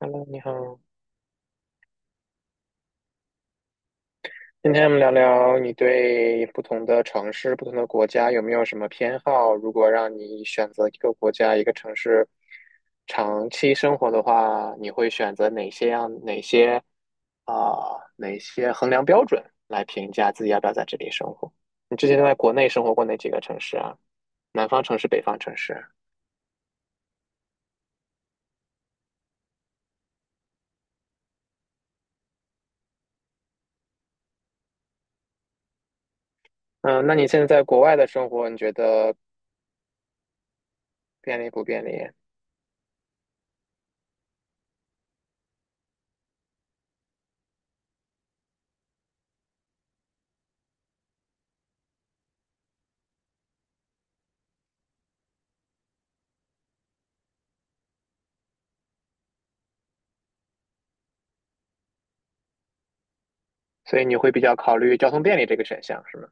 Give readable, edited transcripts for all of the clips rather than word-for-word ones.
Hello，你好。今天我们聊聊你对不同的城市、不同的国家有没有什么偏好？如果让你选择一个国家、一个城市长期生活的话，你会选择哪些样、哪些啊、哪些衡量标准来评价自己要不要在这里生活？你之前都在国内生活过哪几个城市啊？南方城市、北方城市？嗯，那你现在在国外的生活，你觉得便利不便利？所以你会比较考虑交通便利这个选项，是吗？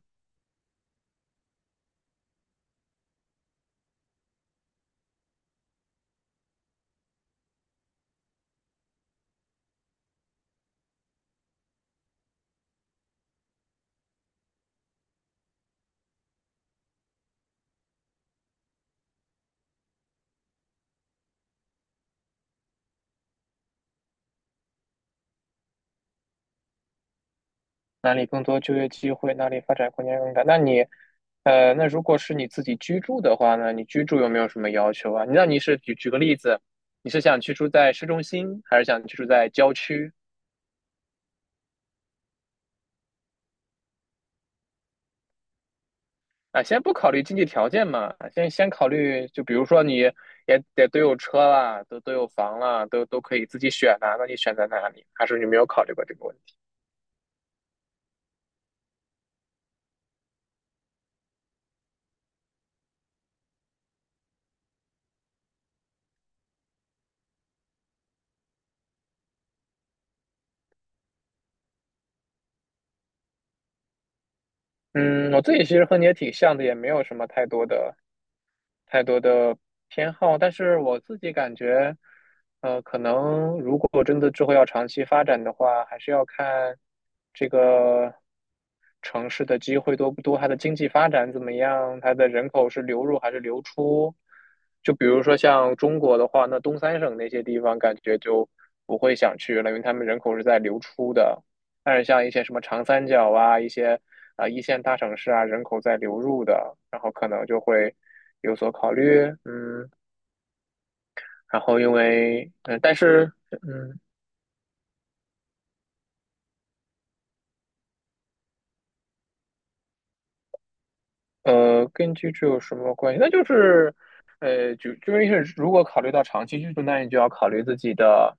哪里更多就业机会，哪里发展空间更大。那你，那如果是你自己居住的话呢？你居住有没有什么要求啊？那你是举个例子，你是想居住在市中心，还是想居住在郊区？啊，先不考虑经济条件嘛，先考虑，就比如说你也得有车啦，都有房啦，都可以自己选呐、那你选在哪里？还是你没有考虑过这个问题？嗯，我自己其实和你也挺像的，也没有什么太多的偏好，但是我自己感觉，可能如果真的之后要长期发展的话，还是要看这个。城市的机会多不多，它的经济发展怎么样，它的人口是流入还是流出。就比如说像中国的话，那东三省那些地方感觉就不会想去了，因为他们人口是在流出的。但是像一些什么长三角啊，一些一线大城市啊，人口在流入的，然后可能就会有所考虑，嗯。然后因为嗯，但是嗯，跟居住有什么关系？那就是，如果考虑到长期居住，那你就要考虑自己的，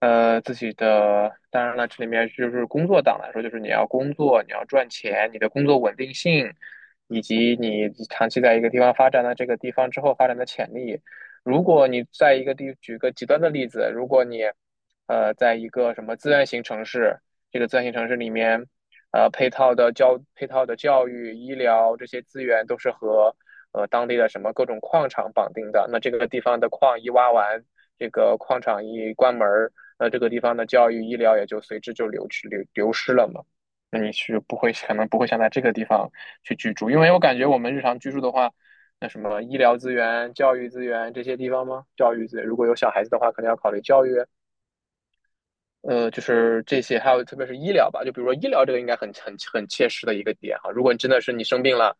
当然了，这里面就是工作党来说，就是你要工作，你要赚钱，你的工作稳定性，以及你长期在一个地方发展的这个地方之后发展的潜力。如果你在一个地，举个极端的例子，如果你，在一个什么资源型城市，这个资源型城市里面。配套的教育、医疗这些资源都是和当地的什么各种矿场绑定的。那这个地方的矿一挖完，这个矿场一关门那这个地方的教育、医疗也就随之就流去流流失了嘛。那你不会可能不会想在这个地方去居住，因为我感觉我们日常居住的话，那什么医疗资源、教育资源这些地方吗？教育资源如果有小孩子的话，可能要考虑教育。就是这些，还有特别是医疗吧，就比如说医疗这个应该很切实的一个点哈。如果你真的是你生病了，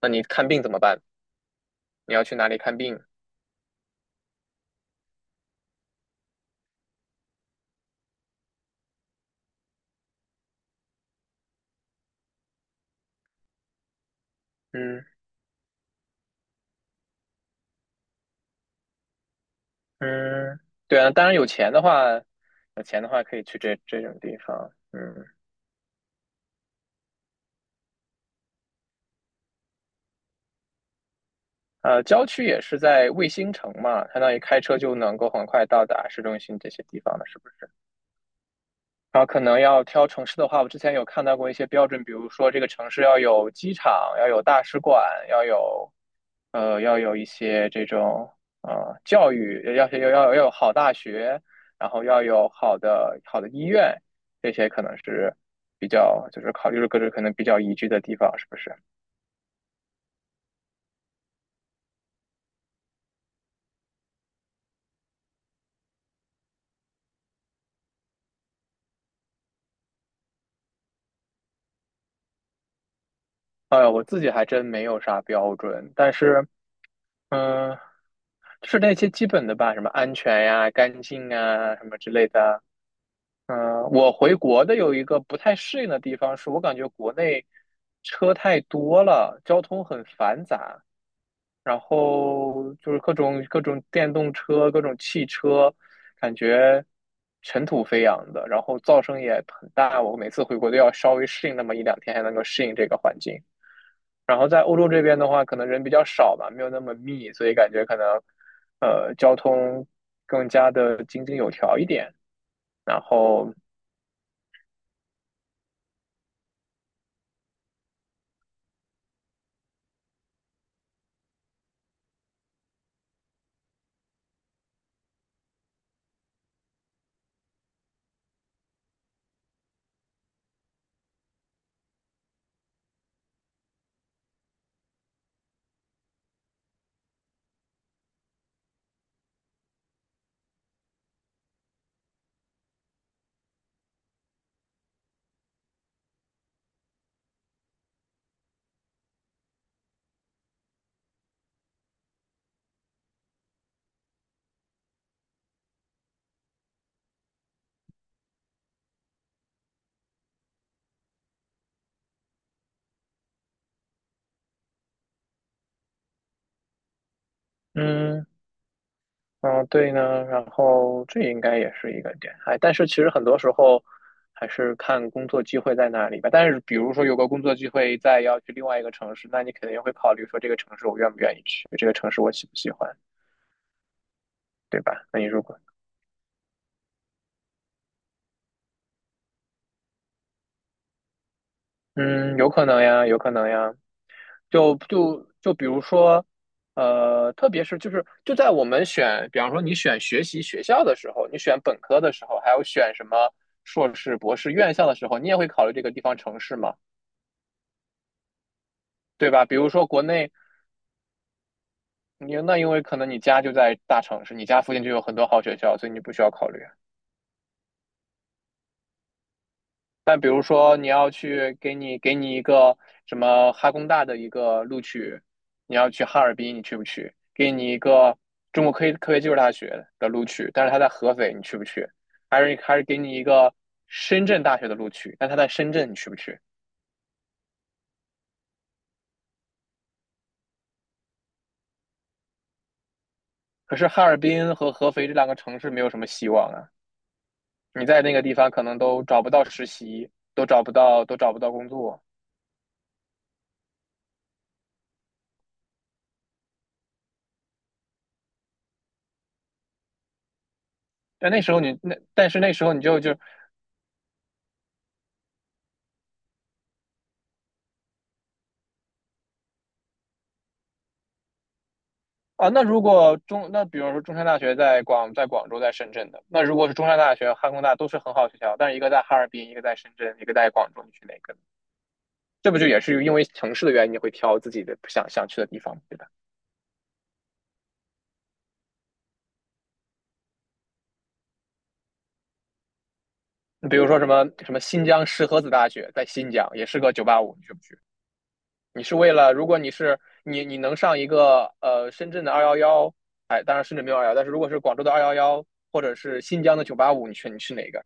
那你看病怎么办？你要去哪里看病？嗯嗯，对啊，当然有钱的话，有钱的话可以去这种地方。嗯，郊区也是在卫星城嘛，相当于开车就能够很快到达市中心这些地方了，是不是？然后可能要挑城市的话，我之前有看到过一些标准，比如说这个城市要有机场，要有大使馆，要有。要有一些这种呃教育，要有好大学，然后要有好的医院，这些可能是比较就是考虑了各种可能比较宜居的地方，是不是？我自己还真没有啥标准，但是嗯、呃就是那些基本的吧，什么安全呀、干净啊什么之类的。嗯、我回国的有一个不太适应的地方是，我感觉国内车太多了，交通很繁杂。然后就是各种电动车、各种汽车，感觉尘土飞扬的，然后噪声也很大。我每次回国都要稍微适应那么一两天，才能够适应这个环境。然后在欧洲这边的话，可能人比较少吧，没有那么密，所以感觉可能交通更加的井井有条一点。然后嗯。嗯，对呢，然后这应该也是一个点，哎，但是其实很多时候还是看工作机会在哪里吧。但是比如说有个工作机会在要去另外一个城市，那你肯定会考虑说这个城市我愿不愿意去，这个城市我喜不喜欢，对吧？那你如果嗯，有可能呀，有可能呀，就比如说，特别是在我们选，比方说你选学习学校的时候，你选本科的时候，还有选什么硕士、博士院校的时候，你也会考虑这个地方城市吗？对吧？比如说国内，你那因为可能你家就在大城市，你家附近就有很多好学校，所以你不需要考虑。但比如说你要去给你一个什么哈工大的一个录取，你要去哈尔滨，你去不去？给你一个中国科学技术大学的录取，但是他在合肥，你去不去？还是给你一个深圳大学的录取，但他在深圳，你去不去？可是哈尔滨和合肥这两个城市没有什么希望啊。你在那个地方可能都找不到实习，都找不到工作。但是那时候你啊，那如果比如说中山大学在在广州在深圳的，那如果是中山大学、哈工大都是很好的学校，但是一个在哈尔滨，一个在深圳，一个在广州，你去哪个？这不就也是因为城市的原因，你会挑自己的不想去的地方，对吧？你比如说什么新疆石河子大学在新疆，也是个九八五，你去不去？你是为了，如果你是你能上一个深圳的二幺幺，哎，当然深圳没有二幺，但是如果是广州的二幺幺或者是新疆的九八五，你选你去哪个？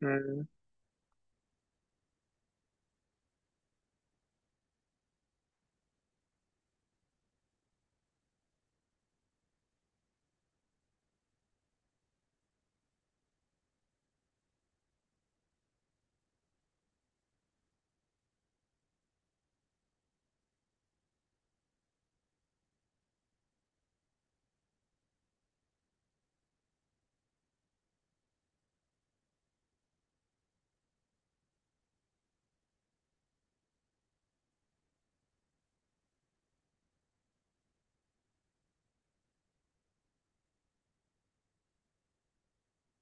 嗯，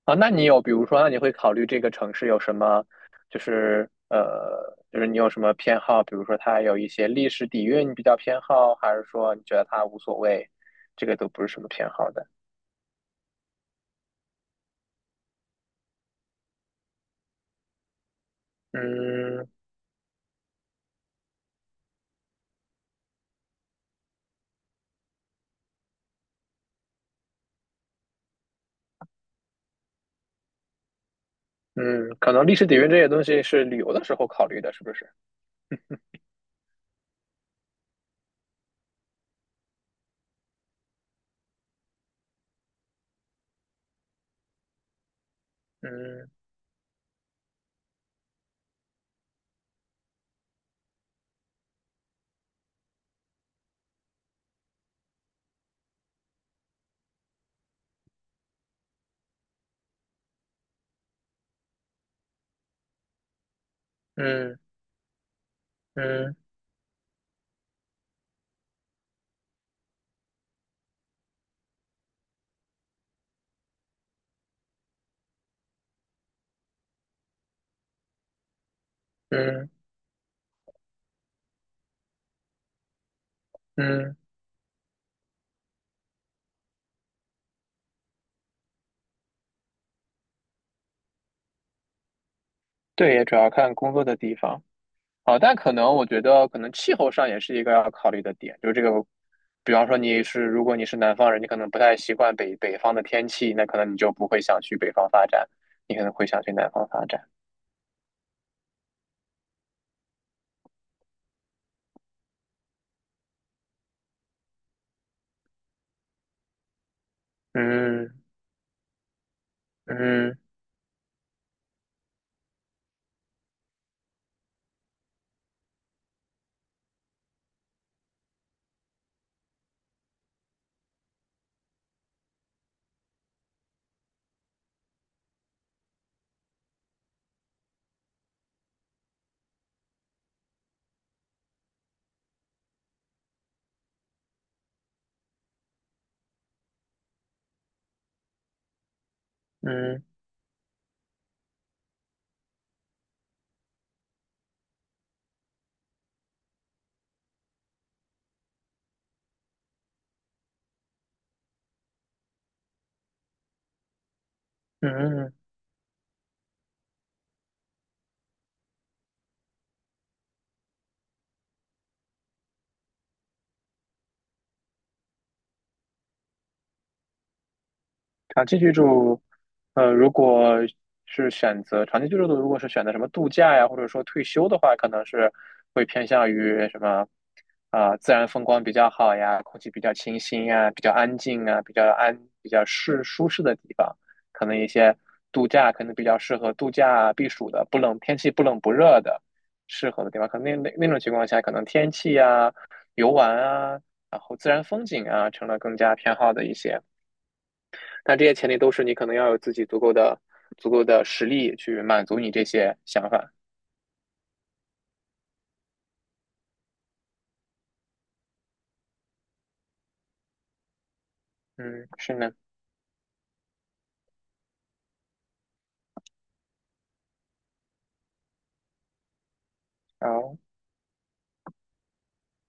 啊，那你有比如说，那你会考虑这个城市有什么，就是你有什么偏好？比如说它有一些历史底蕴，你比较偏好，还是说你觉得它无所谓？这个都不是什么偏好的。嗯嗯，可能历史底蕴这些东西是旅游的时候考虑的，是不是？嗯嗯嗯嗯。嗯，对，也主要看工作的地方。好，但可能我觉得，可能气候上也是一个要考虑的点。就这个，比方说你是，如果你是南方人，你可能不太习惯北方的天气，那可能你就不会想去北方发展，你可能会想去南方发展。嗯嗯嗯嗯嗯。长期居住，呃，如果是选择长期居住的，如果是选择什么度假呀，或者说退休的话，可能是会偏向于什么啊、自然风光比较好呀，空气比较清新呀，比较安静啊，比较适舒适的地方，可能一些度假可能比较适合度假避暑的，不冷，天气不冷不热的，适合的地方。可能那种情况下，可能天气呀、游玩啊，然后自然风景啊，成了更加偏好的一些。但这些前提都是你可能要有自己足够的实力去满足你这些想法。嗯，是呢。好。